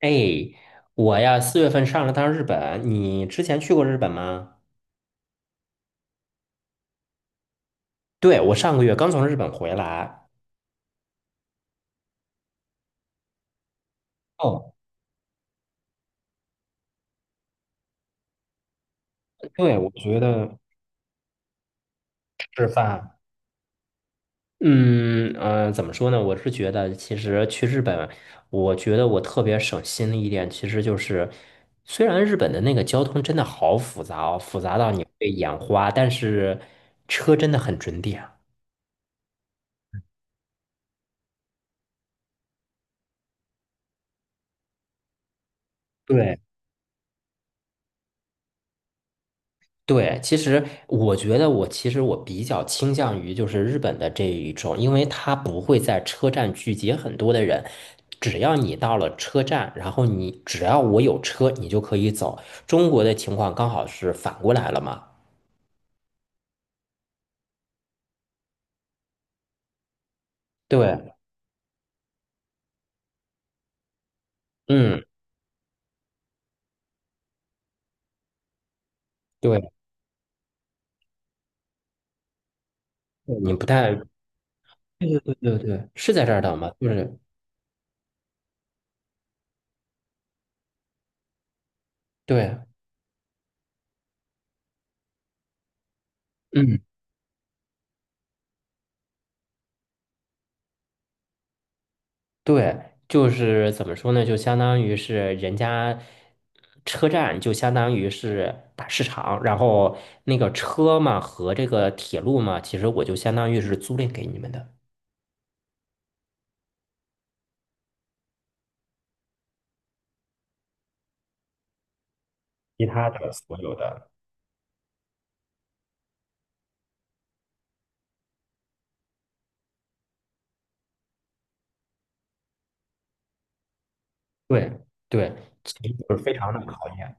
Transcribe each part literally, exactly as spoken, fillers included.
哎，我呀，四月份上了趟日本，你之前去过日本吗？对，我上个月刚从日本回来。哦。对，我觉得吃饭，嗯呃，怎么说呢？我是觉得，其实去日本，我觉得我特别省心的一点，其实就是，虽然日本的那个交通真的好复杂哦，复杂到你会眼花，但是车真的很准点。对。对，其实我觉得我其实我比较倾向于就是日本的这一种，因为它不会在车站聚集很多的人，只要你到了车站，然后你只要我有车，你就可以走。中国的情况刚好是反过来了嘛？对。嗯。对。你不太。对对对对对，是在这儿等吗？就是对。嗯。对，就是怎么说呢？就相当于是人家车站，就相当于是大市场，然后那个车嘛和这个铁路嘛，其实我就相当于是租赁给你们的。其他的所有的，对对，其实就是非常的考验。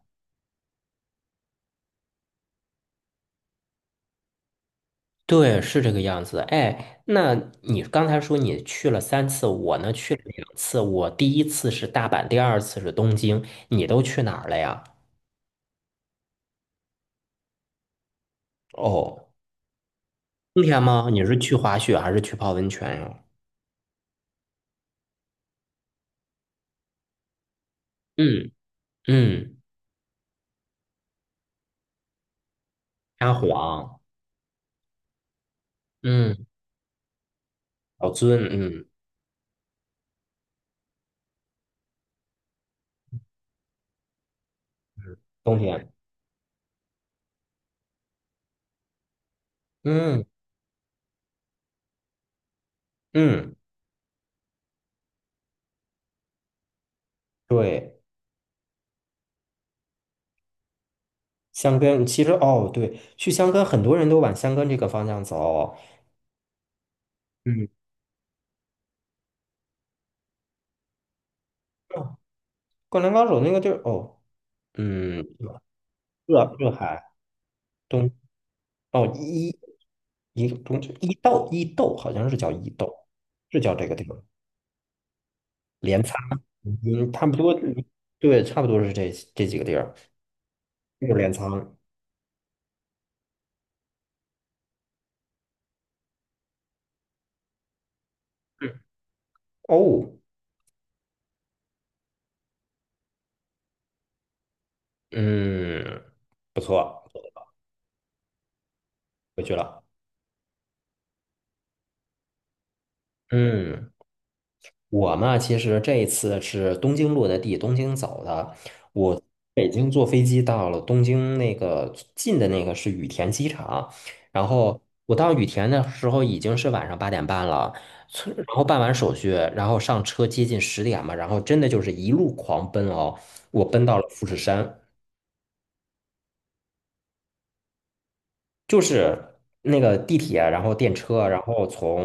对，是这个样子。哎，那你刚才说你去了三次，我呢去了两次。我第一次是大阪，第二次是东京，你都去哪儿了呀？哦。冬天吗？你是去滑雪还是去泡温泉呀？嗯嗯。沙皇。嗯。老尊。嗯。冬天。嗯嗯。对。箱根，其实哦，对，去箱根很多人都往箱根这个方向走。嗯。哦，灌篮高手那个地儿。哦。嗯。热热海东。哦伊一个东伊豆伊豆好像是叫伊豆，是叫这个地方，镰仓。嗯，差不多。对，差不多是这这几个地儿，就是镰仓。哦。嗯，回去了。嗯，我嘛，其实这一次是东京落的地，东京走的。我北京坐飞机到了东京那个近的那个是羽田机场，然后我到羽田的时候已经是晚上八点半了，从然后办完手续，然后上车接近十点嘛，然后真的就是一路狂奔哦，我奔到了富士山。就是那个地铁，然后电车，然后从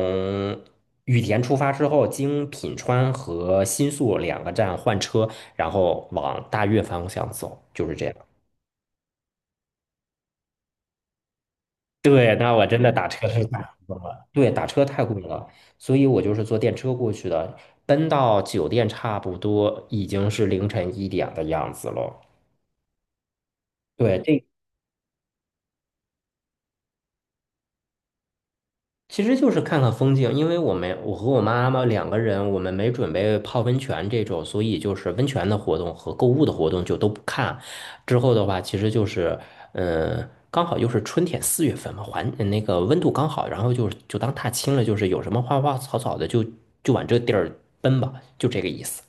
羽田出发之后，经品川和新宿两个站换车，然后往大月方向走，就是这样。对，那我真的打车太贵了，对，打车太贵了，所以我就是坐电车过去的，奔到酒店差不多已经是凌晨一点的样子了。对，这其实就是看看风景，因为我们我和我妈妈两个人，我们没准备泡温泉这种，所以就是温泉的活动和购物的活动就都不看。之后的话，其实就是，嗯、刚好又是春天四月份嘛，环那个温度刚好，然后就就当踏青了，就是有什么花花草草的就就往这地儿奔吧，就这个意思。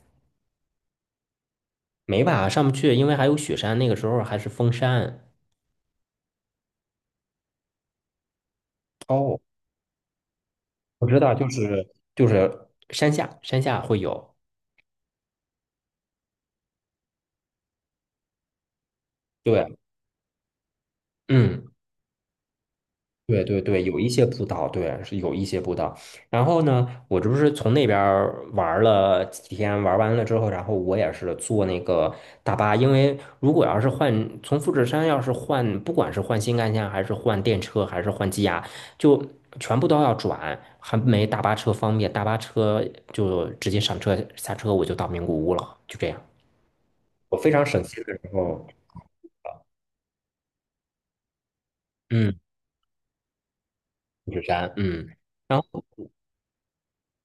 没吧，上不去，因为还有雪山，那个时候还是封山。哦，我知道，就是就是山下，山下会有。对。嗯。对对对，有一些步道，对，是有一些步道。然后呢，我这不是从那边儿玩儿了几天，玩完了之后，然后我也是坐那个大巴，因为如果要是换从富士山，要是换，不管是换新干线，还是换电车，还是换机呀，就全部都要转，还没大巴车方便。大巴车就直接上车下车，我就到名古屋了，就这样。我非常省心的时候。嗯。富士山。嗯。然后。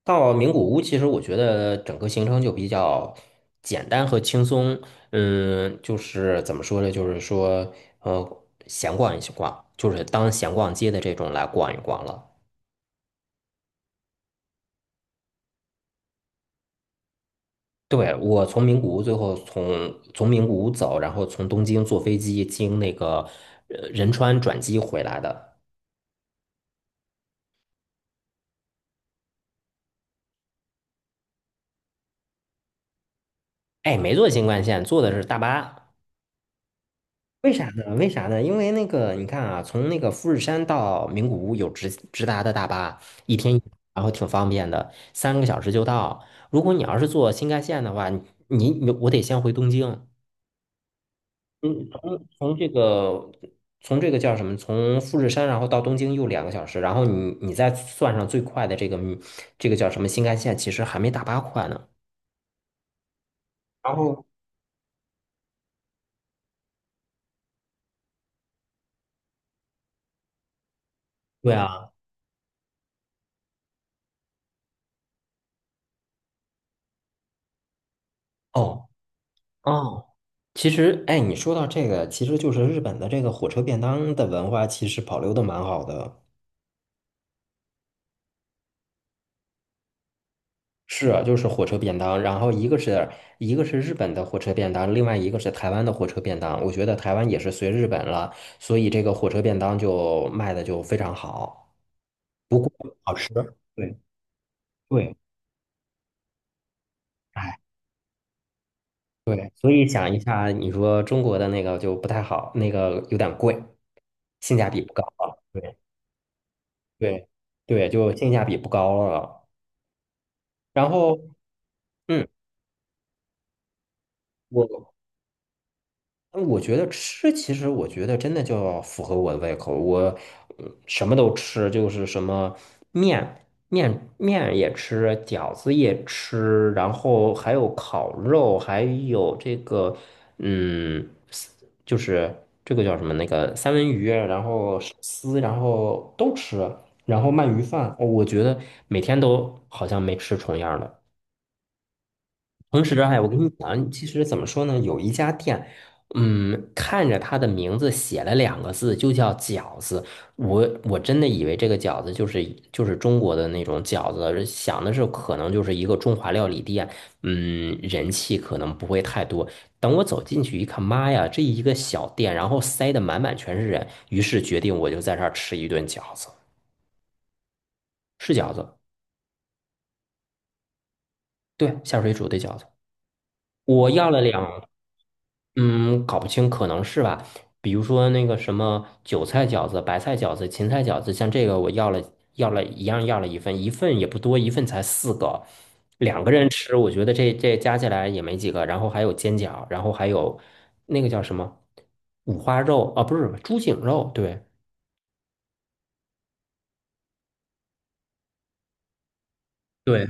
到名古屋，其实我觉得整个行程就比较简单和轻松。嗯，就是怎么说呢？就是说，呃，闲逛一逛，就是当闲逛街的这种来逛一逛了。对，我从名古屋最后从从名古屋走，然后从东京坐飞机经那个呃仁川转机回来的。哎，没坐新干线，坐的是大巴。为啥呢？为啥呢？因为那个，你看啊，从那个富士山到名古屋有直直达的大巴，一天一，然后挺方便的，三个小时就到。如果你要是坐新干线的话，你你我得先回东京。嗯，从从这个从这个叫什么？从富士山然后到东京又两个小时，然后你你再算上最快的这个这个叫什么新干线，其实还没大巴快呢。然后对啊。哦哦。其实，哎，你说到这个，其实就是日本的这个火车便当的文化，其实保留的蛮好的。是啊，就是火车便当，然后一个是一个是日本的火车便当，另外一个是台湾的火车便当。我觉得台湾也是随日本了，所以这个火车便当就卖的就非常好，不过好吃。对对。哎，对，所以想一下，你说中国的那个就不太好，那个有点贵，性价比不高了。对对对，就性价比不高了。然后嗯，我呃我觉得吃，其实我觉得真的就要符合我的胃口。我呃什么都吃，就是什么面面面也吃，饺子也吃，然后还有烤肉，还有这个嗯，丝就是这个叫什么那个三文鱼，然后寿司，然后都吃，然后鳗鱼饭，哦我觉得每天都好像没吃重样儿的。同时，哎，我跟你讲，其实怎么说呢？有一家店，嗯，看着它的名字写了两个字，就叫饺子。我我真的以为这个饺子就是就是中国的那种饺子，想的是可能就是一个中华料理店，嗯，人气可能不会太多。等我走进去一看，妈呀，这一个小店，然后塞得满满全是人，于是决定我就在这儿吃一顿饺子，是饺子，对，下水煮的饺子。我要了两，嗯，搞不清，可能是吧。比如说那个什么韭菜饺子、白菜饺子、芹菜饺子，像这个我要了要了一样要了一份，一份也不多，一份才四个，两个人吃，我觉得这这加起来也没几个。然后还有煎饺，然后还有那个叫什么五花肉啊，不是猪颈肉，对对。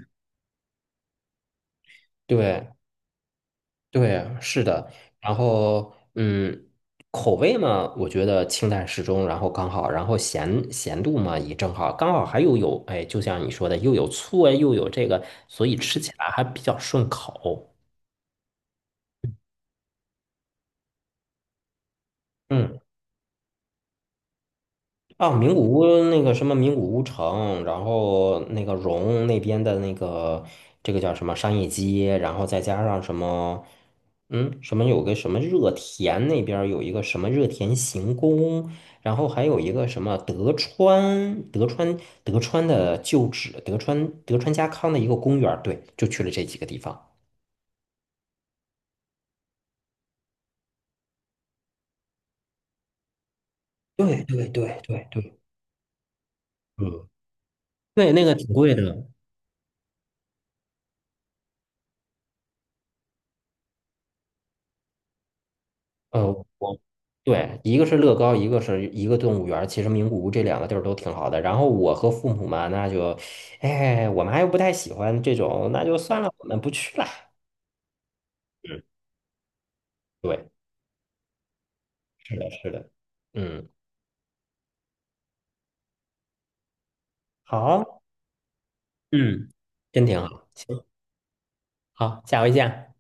对。对啊，是的，然后嗯，口味嘛，我觉得清淡适中，然后刚好，然后咸咸度嘛也正好，刚好还又有，哎，就像你说的，又有醋啊，又有这个，所以吃起来还比较顺口。嗯。啊，名古屋那个什么名古屋城，然后那个荣那边的那个这个叫什么商业街，然后再加上什么，嗯，什么有个什么热田那边儿有一个什么热田行宫，然后还有一个什么德川德川德川的旧址，德川德川家康的一个公园儿对，就去了这几个地方。对对对对对。嗯。对，那个挺贵的。呃，我对，一个是乐高，一个是一个动物园儿其实名古屋这两个地儿都挺好的。然后我和父母嘛，那就，哎，我妈又不太喜欢这种，那就算了，我们不去了。嗯。对，是的，是的。嗯，好。嗯，真挺好。行，好，下回见。